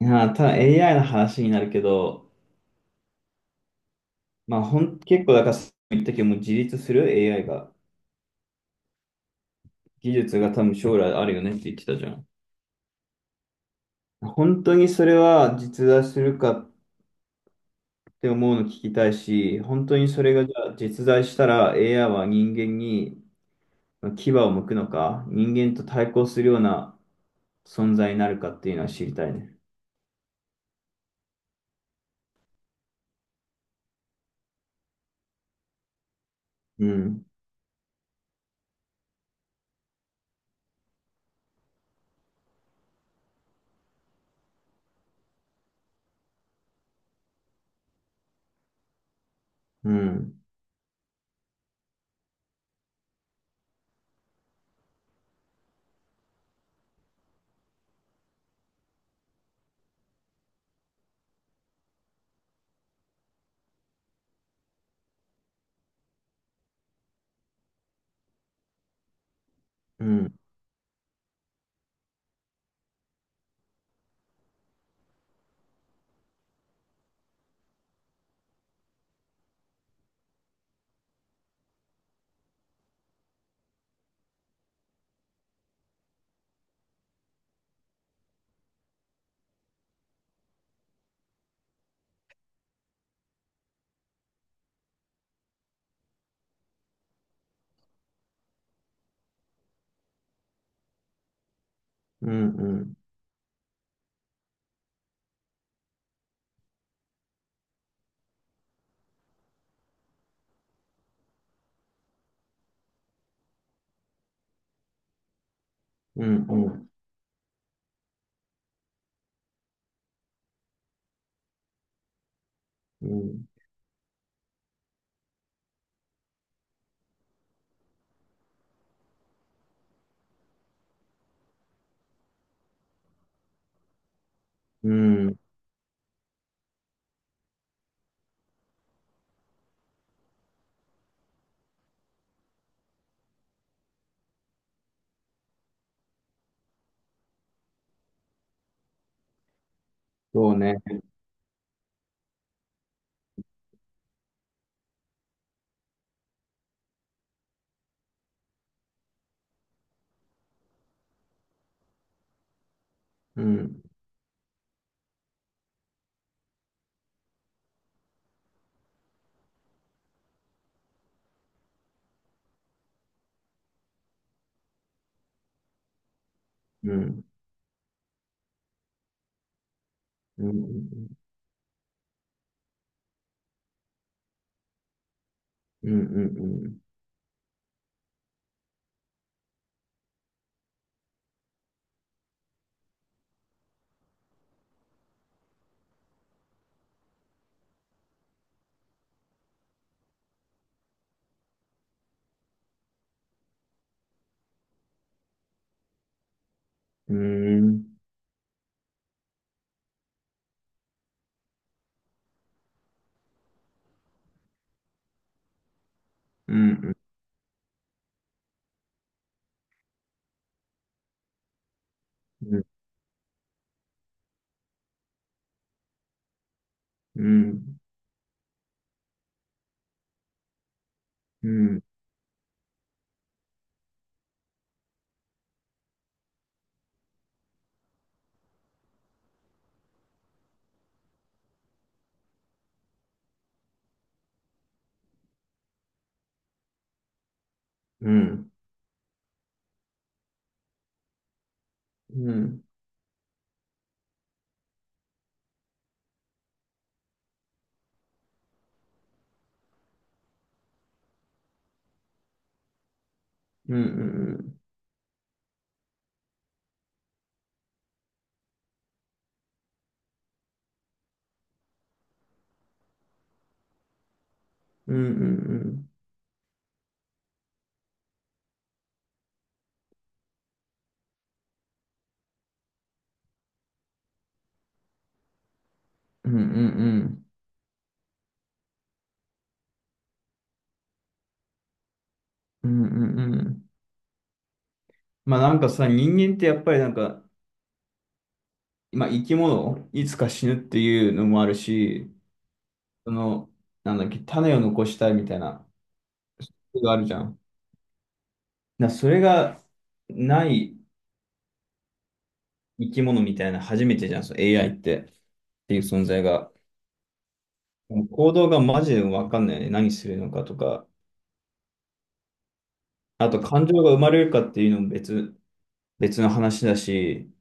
いやー、ただ AI の話になるけど、まあ、結構、だから、言ったけど、もう自立する AI が、技術が多分将来あるよねって言ってたじゃん。本当にそれは実在するかって思うの聞きたいし、本当にそれがじゃあ実在したら AI は人間に牙を向くのか、人間と対抗するような存在になるかっていうのは知りたいね。うん、うん、うん、うん、うん、うん、うん、うん、うん。そうね。うん、うん、うん。うん、うん、うん、うん。うーん。うん、うん、うん。うん。うん。うん。うん。うん。うん。うん。うん。うん。うん。うん。まあなんかさ、人間ってやっぱりなんか、まあ生き物、いつか死ぬっていうのもあるし、その、なんだっけ、種を残したいみたいな、があるじゃん。だからそれがない生き物みたいな、初めてじゃん、その AI って、っていう存在が。もう行動がマジで分かんないよね。何するのかとか。あと感情が生まれるかっていうのも別の話だし、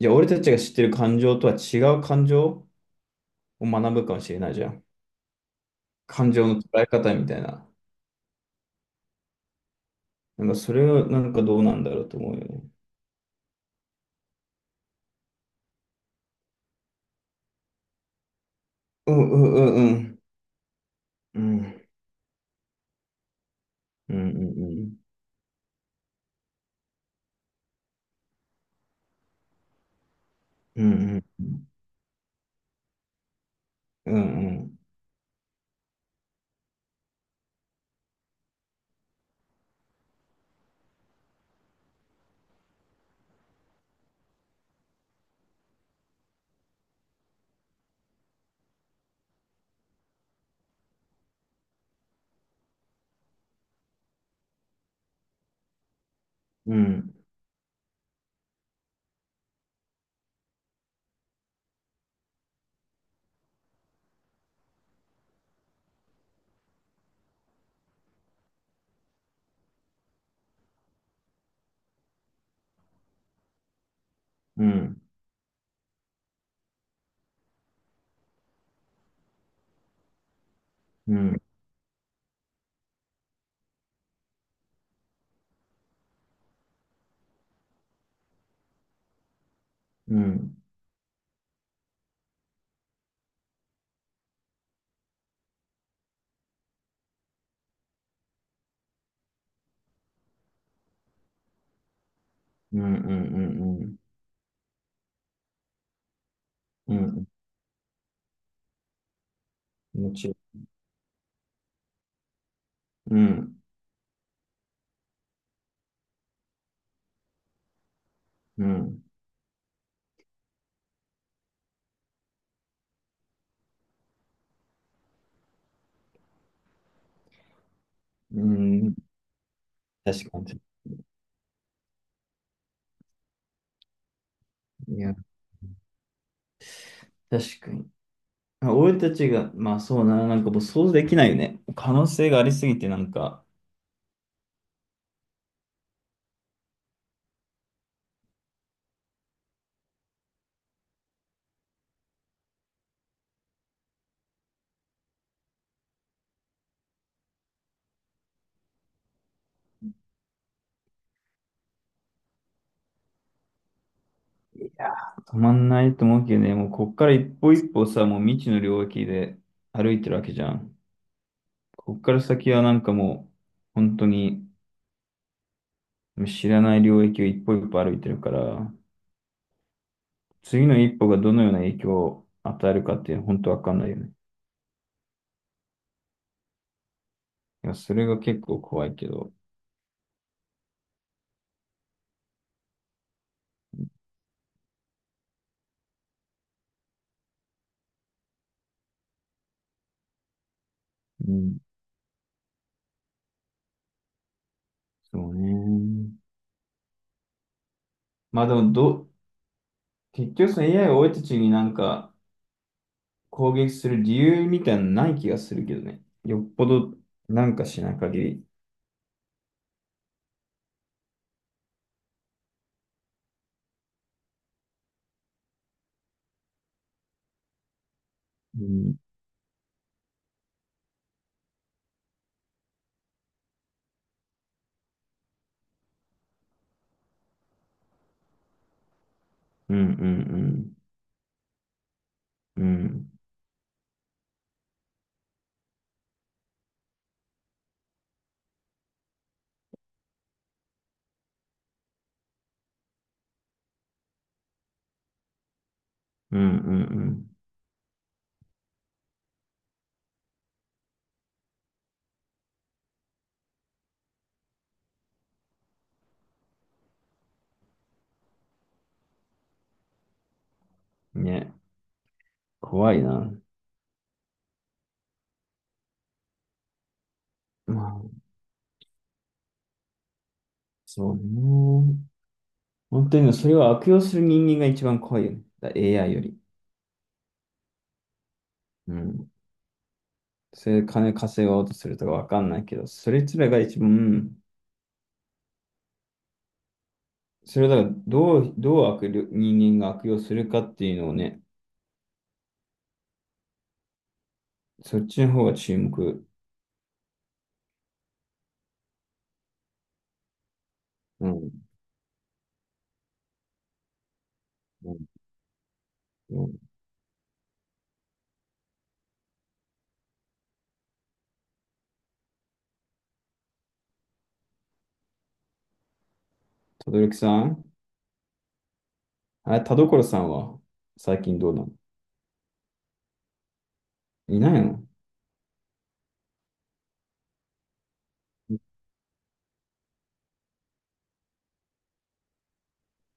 じゃあ俺たちが知ってる感情とは違う感情を学ぶかもしれないじゃん。感情の捉え方みたいな。なんかそれはなんかどうなんだろうと思うよね。うん、うん、うん、うん。うん、うん、うん、うん、うん、うん、うん、うん、うん、うん、うん、うん、うん、うん、もちろん。うん、うん、うん。確かに。いや、確かに。あ、俺たちが、まあそうな、なんかもう想像できないよね。可能性がありすぎてなんか、いやー、止まんないと思うけどね。もうこっから一歩一歩さ、もう未知の領域で歩いてるわけじゃん。こっから先はなんかもう、本当に知らない領域を一歩一歩歩いてるから、次の一歩がどのような影響を与えるかっていうのは本当わかんないよね。いや、それが結構怖いけど。うん、そうね。まあでもどう、結局その AI が俺たちになんか、攻撃する理由みたいなのない気がするけどね。よっぽどなんかしない限り。うん、うん、うん、うん、うん、うん、うん、うん。ね、怖いな。まあ、そうね。本当にそれを悪用する人間が一番怖いよね。だ AI より。うん。それで金稼ごうとするとかわかんないけど、それつらが一番、うん、それをだからどう、どう悪用、人間が悪用するかっていうのをね、そっちの方が注目。うん。うん。うん。轟さん。あれ、田所さんは最近どうなの。いないの。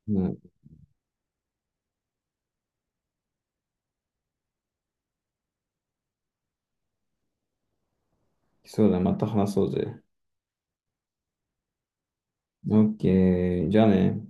うん。そうだ、また話そうぜ。オッケー、じゃあね。